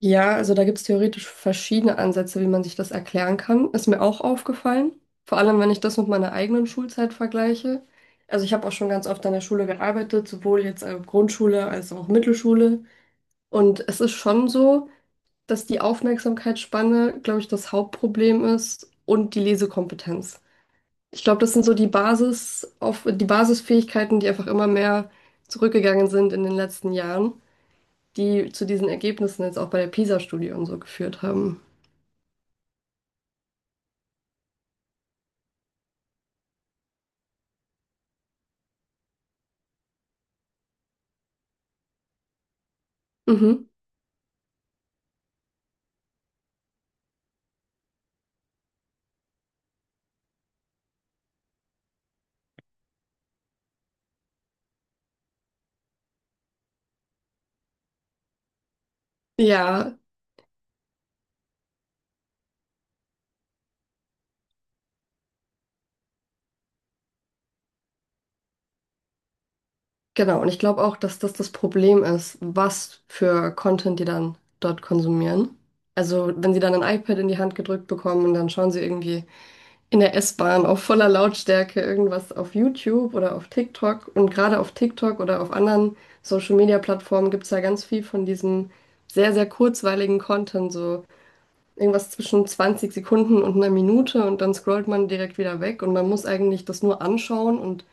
Ja, also da gibt es theoretisch verschiedene Ansätze, wie man sich das erklären kann. Ist mir auch aufgefallen. Vor allem, wenn ich das mit meiner eigenen Schulzeit vergleiche. Also ich habe auch schon ganz oft an der Schule gearbeitet, sowohl jetzt Grundschule als auch Mittelschule. Und es ist schon so, dass die Aufmerksamkeitsspanne, glaube ich, das Hauptproblem ist und die Lesekompetenz. Ich glaube, das sind so die Basisfähigkeiten, die einfach immer mehr zurückgegangen sind in den letzten Jahren, die zu diesen Ergebnissen jetzt auch bei der PISA-Studie und so geführt haben. Mhm. Ja, genau. Und ich glaube auch, dass das das Problem ist, was für Content die dann dort konsumieren. Also, wenn sie dann ein iPad in die Hand gedrückt bekommen und dann schauen sie irgendwie in der S-Bahn auf voller Lautstärke irgendwas auf YouTube oder auf TikTok. Und gerade auf TikTok oder auf anderen Social-Media-Plattformen gibt es ja ganz viel von diesem sehr, sehr kurzweiligen Content, so irgendwas zwischen 20 Sekunden und einer Minute, und dann scrollt man direkt wieder weg und man muss eigentlich das nur anschauen, und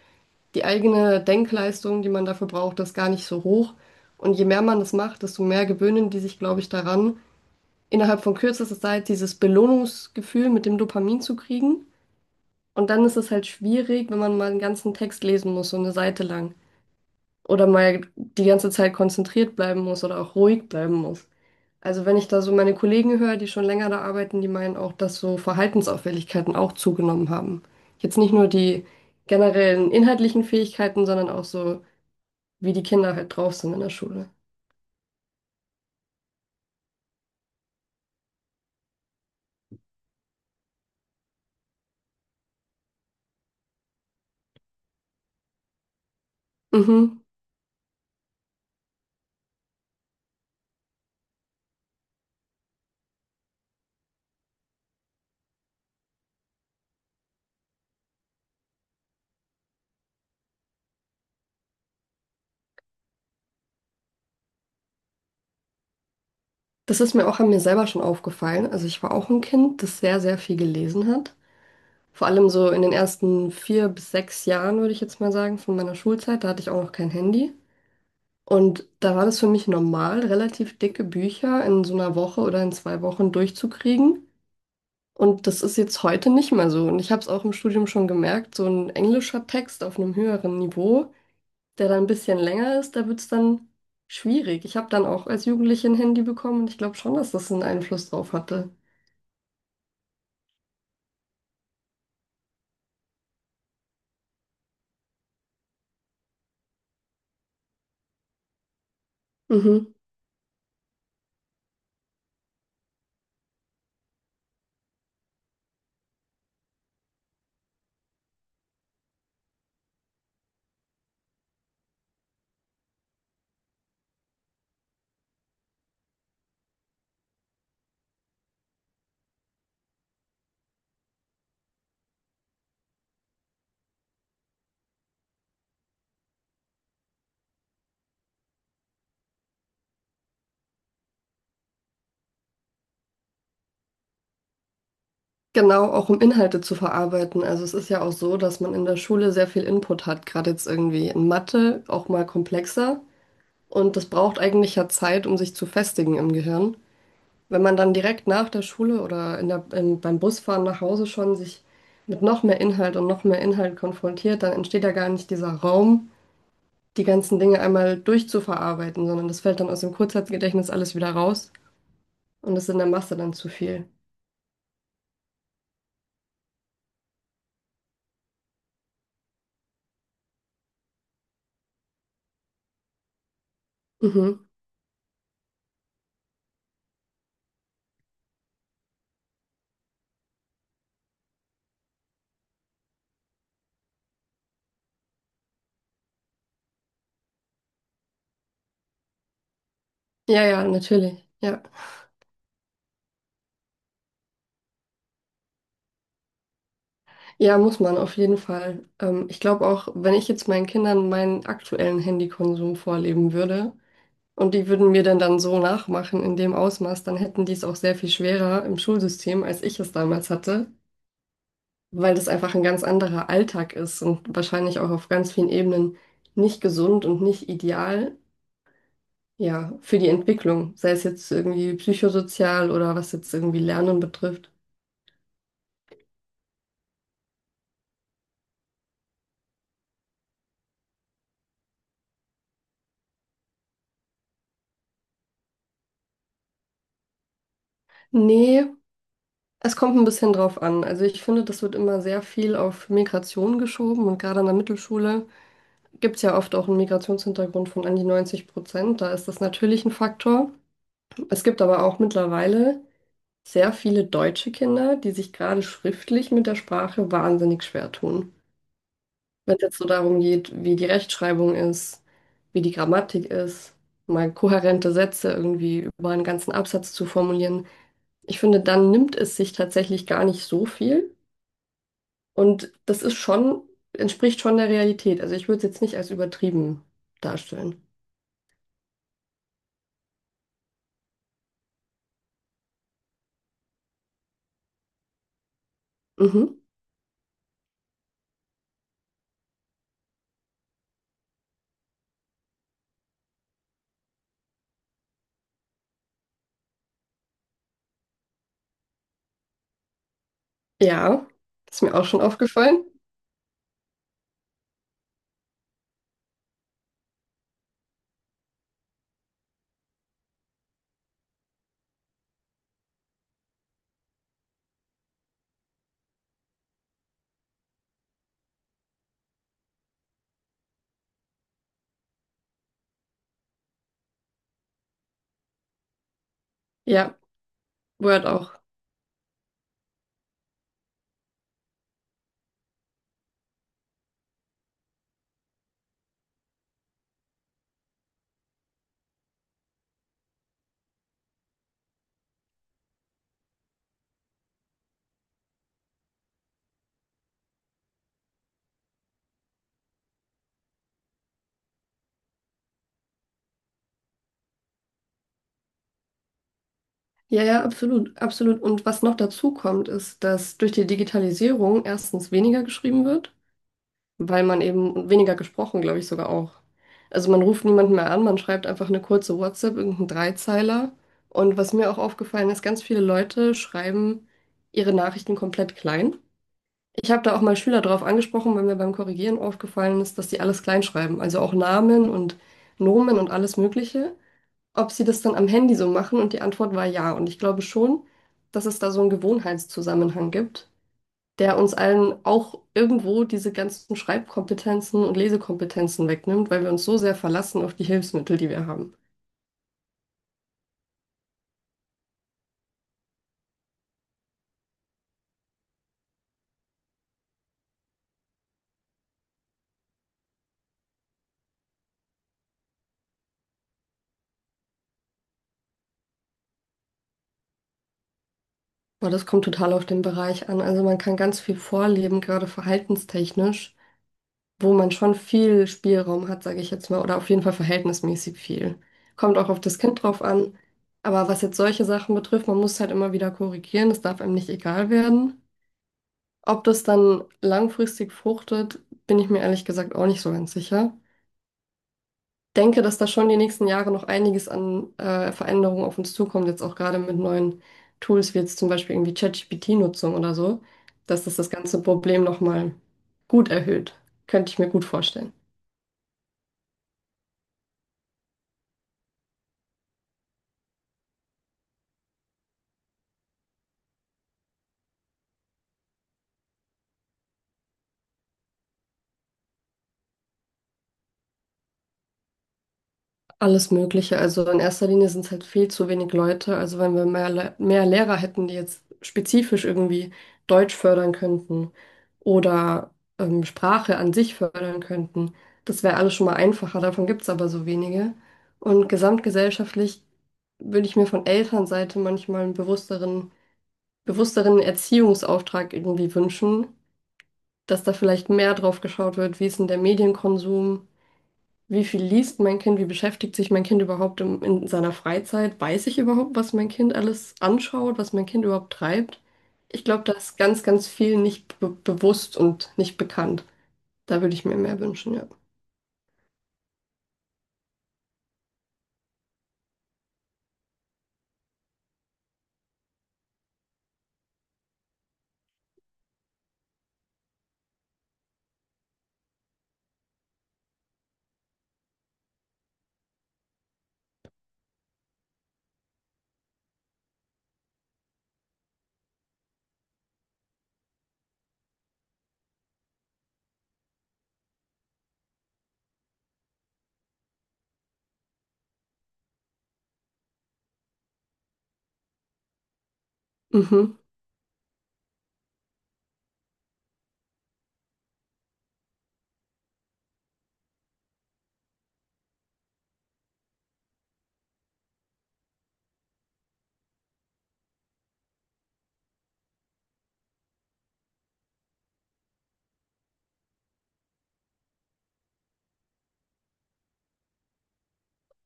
die eigene Denkleistung, die man dafür braucht, ist gar nicht so hoch. Und je mehr man das macht, desto mehr gewöhnen die sich, glaube ich, daran, innerhalb von kürzester Zeit dieses Belohnungsgefühl mit dem Dopamin zu kriegen. Und dann ist es halt schwierig, wenn man mal einen ganzen Text lesen muss, so eine Seite lang. Oder mal die ganze Zeit konzentriert bleiben muss oder auch ruhig bleiben muss. Also wenn ich da so meine Kollegen höre, die schon länger da arbeiten, die meinen auch, dass so Verhaltensauffälligkeiten auch zugenommen haben. Jetzt nicht nur die generellen inhaltlichen Fähigkeiten, sondern auch so, wie die Kinder halt drauf sind in der Schule. Mhm. Das ist mir auch an mir selber schon aufgefallen. Also ich war auch ein Kind, das sehr, sehr viel gelesen hat. Vor allem so in den ersten 4 bis 6 Jahren, würde ich jetzt mal sagen, von meiner Schulzeit, da hatte ich auch noch kein Handy. Und da war das für mich normal, relativ dicke Bücher in so einer Woche oder in 2 Wochen durchzukriegen. Und das ist jetzt heute nicht mehr so. Und ich habe es auch im Studium schon gemerkt, so ein englischer Text auf einem höheren Niveau, der dann ein bisschen länger ist, da wird es dann schwierig. Ich habe dann auch als Jugendliche ein Handy bekommen und ich glaube schon, dass das einen Einfluss drauf hatte. Mhm. Genau, auch um Inhalte zu verarbeiten. Also es ist ja auch so, dass man in der Schule sehr viel Input hat, gerade jetzt irgendwie in Mathe, auch mal komplexer. Und das braucht eigentlich ja Zeit, um sich zu festigen im Gehirn. Wenn man dann direkt nach der Schule oder beim Busfahren nach Hause schon sich mit noch mehr Inhalt und noch mehr Inhalt konfrontiert, dann entsteht ja gar nicht dieser Raum, die ganzen Dinge einmal durchzuverarbeiten, sondern das fällt dann aus dem Kurzzeitgedächtnis alles wieder raus und ist in der Masse dann zu viel. Mhm. Ja, ja, natürlich. Ja, ja, muss man auf jeden Fall. Ich glaube auch, wenn ich jetzt meinen Kindern meinen aktuellen Handykonsum vorleben würde, und die würden mir dann so nachmachen in dem Ausmaß, dann hätten die es auch sehr viel schwerer im Schulsystem, als ich es damals hatte, weil das einfach ein ganz anderer Alltag ist und wahrscheinlich auch auf ganz vielen Ebenen nicht gesund und nicht ideal, ja, für die Entwicklung, sei es jetzt irgendwie psychosozial oder was jetzt irgendwie Lernen betrifft. Nee, es kommt ein bisschen drauf an. Also ich finde, das wird immer sehr viel auf Migration geschoben und gerade an der Mittelschule gibt es ja oft auch einen Migrationshintergrund von an die 90%. Da ist das natürlich ein Faktor. Es gibt aber auch mittlerweile sehr viele deutsche Kinder, die sich gerade schriftlich mit der Sprache wahnsinnig schwer tun. Wenn es jetzt so darum geht, wie die Rechtschreibung ist, wie die Grammatik ist, mal kohärente Sätze irgendwie über einen ganzen Absatz zu formulieren. Ich finde, dann nimmt es sich tatsächlich gar nicht so viel. Und das ist schon, entspricht schon der Realität. Also ich würde es jetzt nicht als übertrieben darstellen. Mhm. Ja, ist mir auch schon aufgefallen. Ja, Word auch. Ja, ja, absolut, absolut. Und was noch dazu kommt, ist, dass durch die Digitalisierung erstens weniger geschrieben wird, weil man eben und weniger gesprochen, glaube ich, sogar auch. Also man ruft niemanden mehr an, man schreibt einfach eine kurze WhatsApp, irgendeinen Dreizeiler. Und was mir auch aufgefallen ist, ganz viele Leute schreiben ihre Nachrichten komplett klein. Ich habe da auch mal Schüler drauf angesprochen, weil mir beim Korrigieren aufgefallen ist, dass die alles klein schreiben. Also auch Namen und Nomen und alles Mögliche, ob sie das dann am Handy so machen, und die Antwort war ja. Und ich glaube schon, dass es da so einen Gewohnheitszusammenhang gibt, der uns allen auch irgendwo diese ganzen Schreibkompetenzen und Lesekompetenzen wegnimmt, weil wir uns so sehr verlassen auf die Hilfsmittel, die wir haben. Aber das kommt total auf den Bereich an. Also man kann ganz viel vorleben, gerade verhaltenstechnisch, wo man schon viel Spielraum hat, sage ich jetzt mal, oder auf jeden Fall verhältnismäßig viel. Kommt auch auf das Kind drauf an. Aber was jetzt solche Sachen betrifft, man muss halt immer wieder korrigieren, es darf einem nicht egal werden. Ob das dann langfristig fruchtet, bin ich mir ehrlich gesagt auch nicht so ganz sicher. Denke, dass da schon die nächsten Jahre noch einiges an Veränderungen auf uns zukommt, jetzt auch gerade mit neuen Tools wie jetzt zum Beispiel irgendwie ChatGPT-Nutzung oder so, dass das das ganze Problem nochmal gut erhöht. Könnte ich mir gut vorstellen. Alles Mögliche. Also in erster Linie sind es halt viel zu wenig Leute. Also wenn wir mehr, mehr Lehrer hätten, die jetzt spezifisch irgendwie Deutsch fördern könnten oder Sprache an sich fördern könnten, das wäre alles schon mal einfacher. Davon gibt es aber so wenige. Und gesamtgesellschaftlich würde ich mir von Elternseite manchmal einen bewussteren, bewussteren Erziehungsauftrag irgendwie wünschen, dass da vielleicht mehr drauf geschaut wird, wie ist denn der Medienkonsum. Wie viel liest mein Kind? Wie beschäftigt sich mein Kind überhaupt in seiner Freizeit? Weiß ich überhaupt, was mein Kind alles anschaut, was mein Kind überhaupt treibt? Ich glaube, da ist ganz, ganz viel nicht be bewusst und nicht bekannt. Da würde ich mir mehr wünschen, ja. Mhm.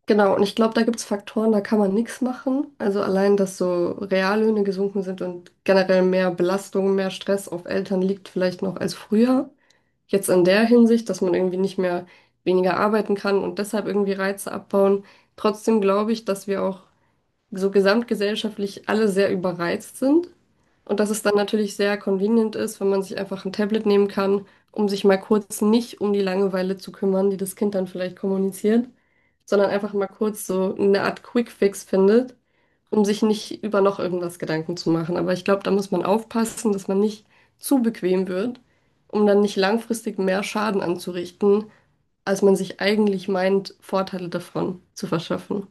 Genau, und ich glaube, da gibt es Faktoren, da kann man nichts machen. Also allein, dass so Reallöhne gesunken sind und generell mehr Belastung, mehr Stress auf Eltern liegt vielleicht noch als früher. Jetzt in der Hinsicht, dass man irgendwie nicht mehr weniger arbeiten kann und deshalb irgendwie Reize abbauen. Trotzdem glaube ich, dass wir auch so gesamtgesellschaftlich alle sehr überreizt sind. Und dass es dann natürlich sehr convenient ist, wenn man sich einfach ein Tablet nehmen kann, um sich mal kurz nicht um die Langeweile zu kümmern, die das Kind dann vielleicht kommuniziert, sondern einfach mal kurz so eine Art Quick-Fix findet, um sich nicht über noch irgendwas Gedanken zu machen. Aber ich glaube, da muss man aufpassen, dass man nicht zu bequem wird, um dann nicht langfristig mehr Schaden anzurichten, als man sich eigentlich meint, Vorteile davon zu verschaffen.